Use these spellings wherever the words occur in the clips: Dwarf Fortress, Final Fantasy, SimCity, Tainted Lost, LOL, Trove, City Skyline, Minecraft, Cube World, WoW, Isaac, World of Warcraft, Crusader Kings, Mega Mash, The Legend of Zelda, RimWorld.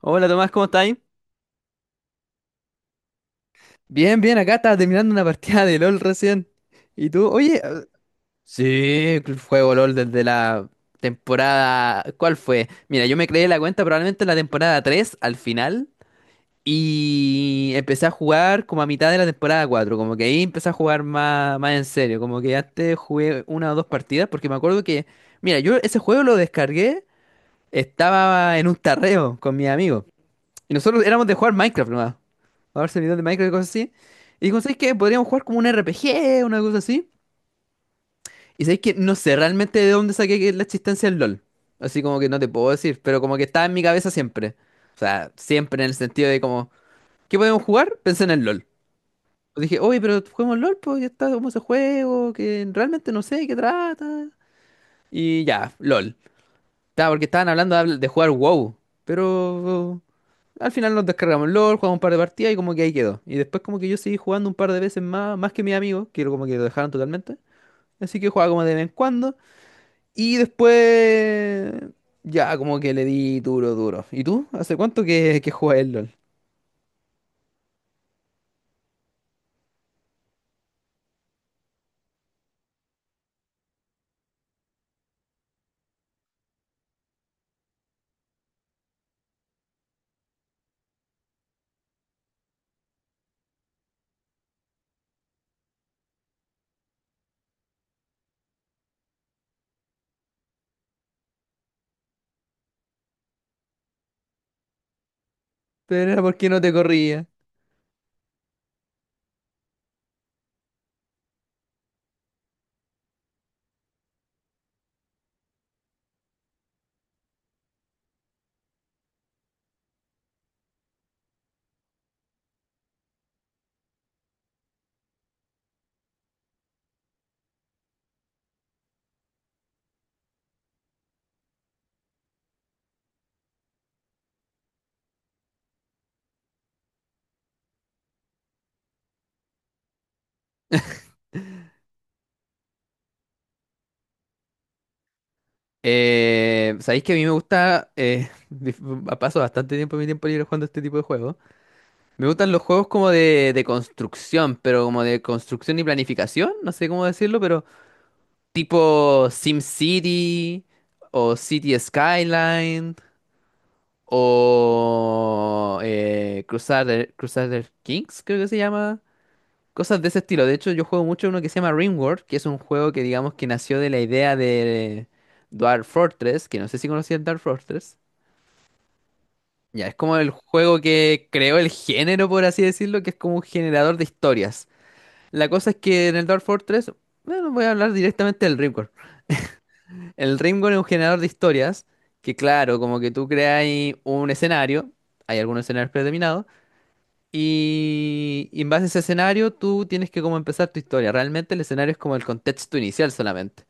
Hola Tomás, ¿cómo estás? Bien, bien, acá estaba terminando una partida de LOL recién. ¿Y tú? Sí, juego LOL desde la temporada... ¿Cuál fue? Mira, yo me creé la cuenta probablemente en la temporada 3, al final, y empecé a jugar como a mitad de la temporada 4, como que ahí empecé a jugar más en serio, como que antes jugué una o dos partidas porque me acuerdo que, mira, yo ese juego lo descargué, estaba en un tarreo con mis amigos. Y nosotros éramos de jugar Minecraft nomás. A ver servidores de Minecraft y cosas así. Y digo, ¿sabes qué? Podríamos jugar como un RPG, una cosa así. Y sabes que no sé realmente de dónde saqué que la existencia del LOL. Así como que no te puedo decir, pero como que estaba en mi cabeza siempre. O sea, siempre en el sentido de como, ¿qué podemos jugar? Pensé en el LOL. Pues dije, oye, pero juguemos LOL, pues ya está como ese juego, que realmente no sé de qué trata. Y ya, LOL. Estaba porque estaban hablando de de jugar WoW. Pero al final nos descargamos el LOL, jugamos un par de partidas y como que ahí quedó. Y después como que yo seguí jugando un par de veces más, más que mis amigos, que como que lo dejaron totalmente. Así que jugaba como de vez en cuando. Y después ya como que le di duro, duro. ¿Y tú? ¿Hace cuánto que juegas el LOL? Pero era porque no te corría. Sabéis que a mí me gusta, paso bastante tiempo de mi tiempo libre jugando este tipo de juegos. Me gustan los juegos como de construcción, pero como de construcción y planificación, no sé cómo decirlo, pero... tipo SimCity o City Skyline o Crusader, Crusader Kings, creo que se llama. Cosas de ese estilo. De hecho, yo juego mucho uno que se llama RimWorld, que es un juego que digamos que nació de la idea de Dwarf Fortress, que no sé si conocías Dwarf Fortress. Ya, es como el juego que creó el género, por así decirlo, que es como un generador de historias. La cosa es que en el Dwarf Fortress, bueno, voy a hablar directamente del RimWorld. El Rimworld es un generador de historias que, claro, como que tú creas un escenario, hay algunos escenarios predeterminados, y en base a ese escenario tú tienes que como empezar tu historia. Realmente el escenario es como el contexto inicial solamente.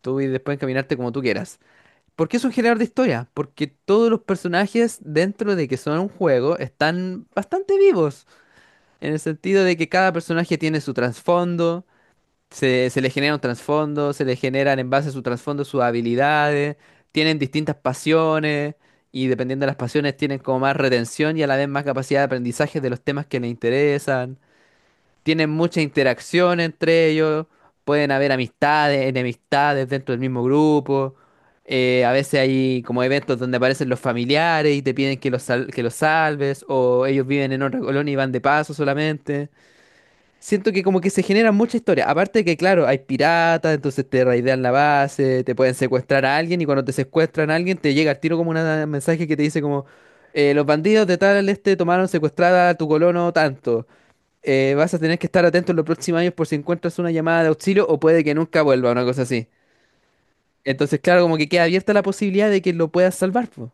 Tú y después encaminarte como tú quieras. ¿Por qué es un generador de historia? Porque todos los personajes dentro de que son un juego están bastante vivos, en el sentido de que cada personaje tiene su trasfondo. Se le genera un trasfondo, se le generan en base a su trasfondo sus habilidades, tienen distintas pasiones y dependiendo de las pasiones tienen como más retención y a la vez más capacidad de aprendizaje de los temas que les interesan. Tienen mucha interacción entre ellos, pueden haber amistades, enemistades dentro del mismo grupo. A veces hay como eventos donde aparecen los familiares y te piden que los, que los salves, o ellos viven en otra colonia y van de paso solamente. Siento que como que se genera mucha historia. Aparte de que, claro, hay piratas, entonces te raidean la base, te pueden secuestrar a alguien y cuando te secuestran a alguien te llega al tiro como un mensaje que te dice como los bandidos de tal este tomaron secuestrada a tu colono tanto. Vas a tener que estar atento en los próximos años por si encuentras una llamada de auxilio o puede que nunca vuelva, una cosa así. Entonces, claro, como que queda abierta la posibilidad de que lo puedas salvar, po.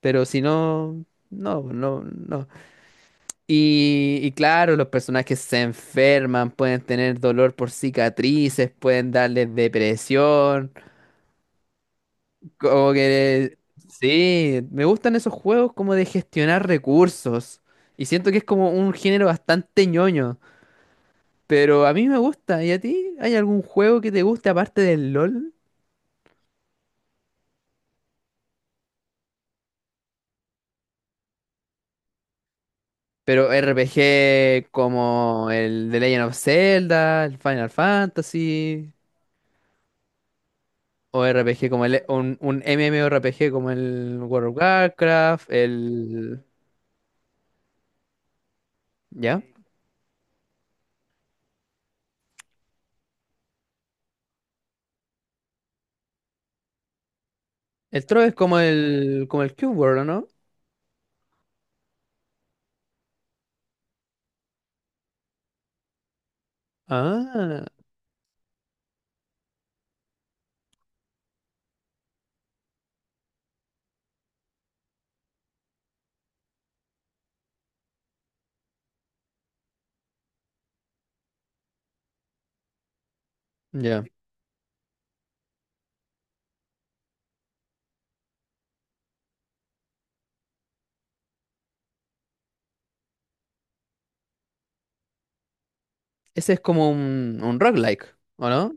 Pero si no, no, no, no. Y claro, los personajes se enferman, pueden tener dolor por cicatrices, pueden darles depresión, como que... Sí, me gustan esos juegos como de gestionar recursos. Y siento que es como un género bastante ñoño, pero a mí me gusta. ¿Y a ti? ¿Hay algún juego que te guste aparte del LOL? Pero RPG como el The Legend of Zelda, el Final Fantasy. O RPG como un MMORPG como el World of Warcraft, el... ¿Ya? El Trove es como como el Cube World, ¿o no? Ah, ya. Ese es como un roguelike, ¿o no?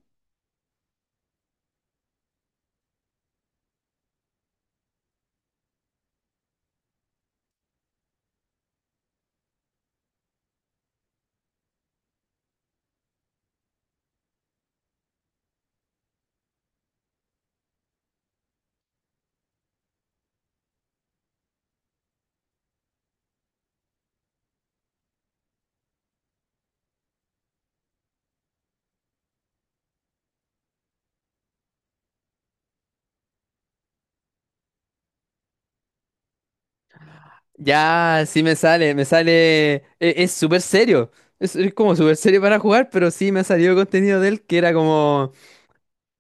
Ya, me sale... Es súper serio. Es como súper serio para jugar, pero sí me ha salido contenido de él que era como...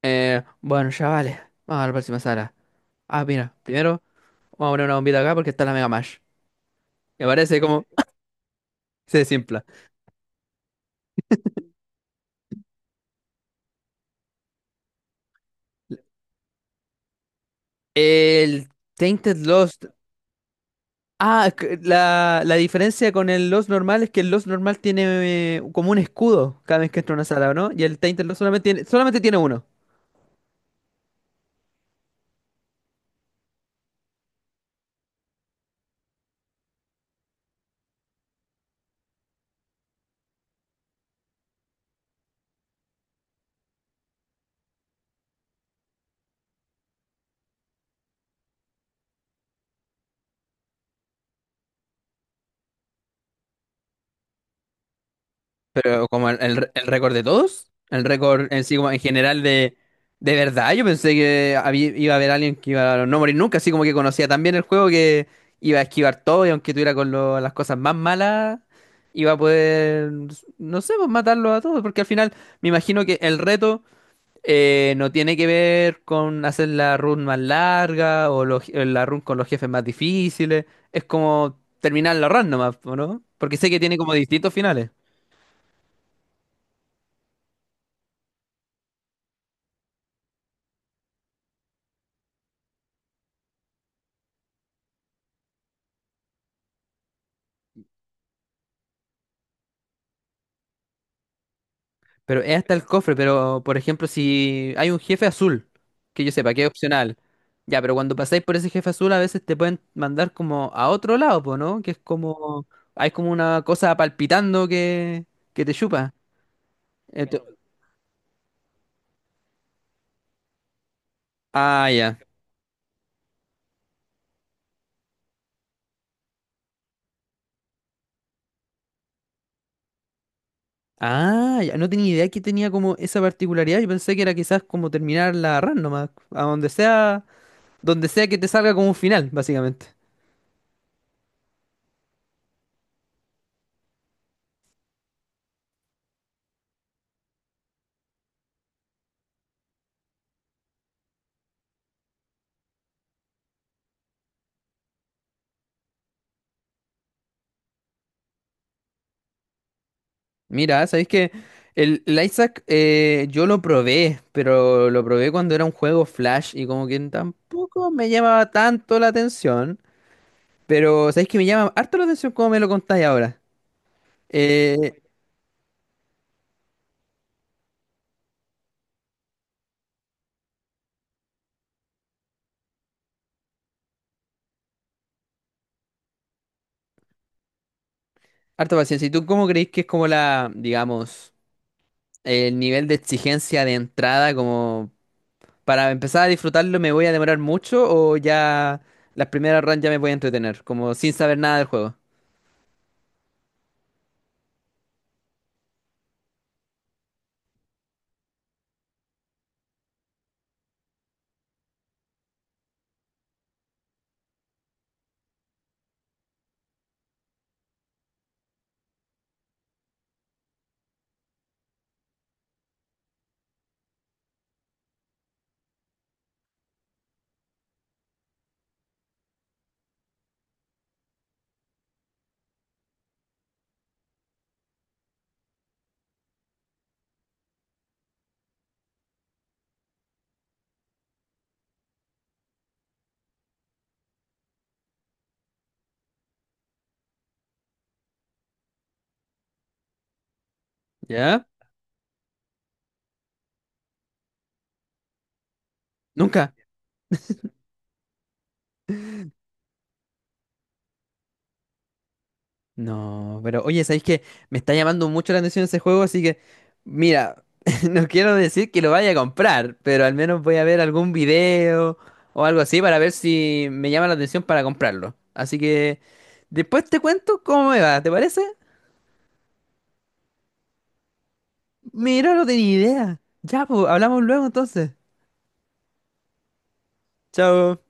bueno, chavales, vamos a la próxima sala. Ah, mira, primero vamos a poner una bombita acá porque está la Mega Mash. Me parece como... Se simpla. El Tainted Lost. La, la diferencia con el Lost normal es que el Lost normal tiene como un escudo cada vez que entra a una sala, ¿o no? Y el Tainted Lost solamente tiene uno. Pero como el récord de todos, el récord en sí como en general de... De verdad, yo pensé que iba a haber alguien que iba a no morir nunca, así como que conocía tan bien el juego que iba a esquivar todo y aunque tuviera con las cosas más malas, iba a poder, no sé, pues, matarlo a todos, porque al final me imagino que el reto... No tiene que ver con hacer la run más larga o la run con los jefes más difíciles. Es como terminar la run nomás, ¿o no? Porque sé que tiene como distintos finales. Pero es hasta el cofre. Pero, por ejemplo, si hay un jefe azul, que yo sepa que es opcional. Ya, pero cuando pasáis por ese jefe azul, a veces te pueden mandar como a otro lado, po, ¿no? Que es como. Hay como una cosa palpitando que te chupa. Ento- ah, ya. Ah, ya no tenía idea que tenía como esa particularidad. Yo pensé que era quizás como terminar la run nomás, a donde sea que te salga como un final, básicamente. Mira, sabéis que el Isaac, yo lo probé, pero lo probé cuando era un juego Flash y como que tampoco me llamaba tanto la atención. Pero sabéis que me llama harto la atención como me lo contáis ahora. Eh, harto paciencia. ¿Y tú cómo creéis que es como la, digamos, el nivel de exigencia de entrada como para empezar a disfrutarlo? ¿Me voy a demorar mucho o ya las primeras runs ya me voy a entretener? Como sin saber nada del juego. ¿Ya? ¿Nunca? No, pero oye, ¿sabéis que me está llamando mucho la atención ese juego? Así que, mira, no quiero decir que lo vaya a comprar, pero al menos voy a ver algún video o algo así para ver si me llama la atención para comprarlo. Así que después te cuento cómo me va, ¿te parece? Mira, no tenía idea. Ya, pues, hablamos luego entonces. Chao.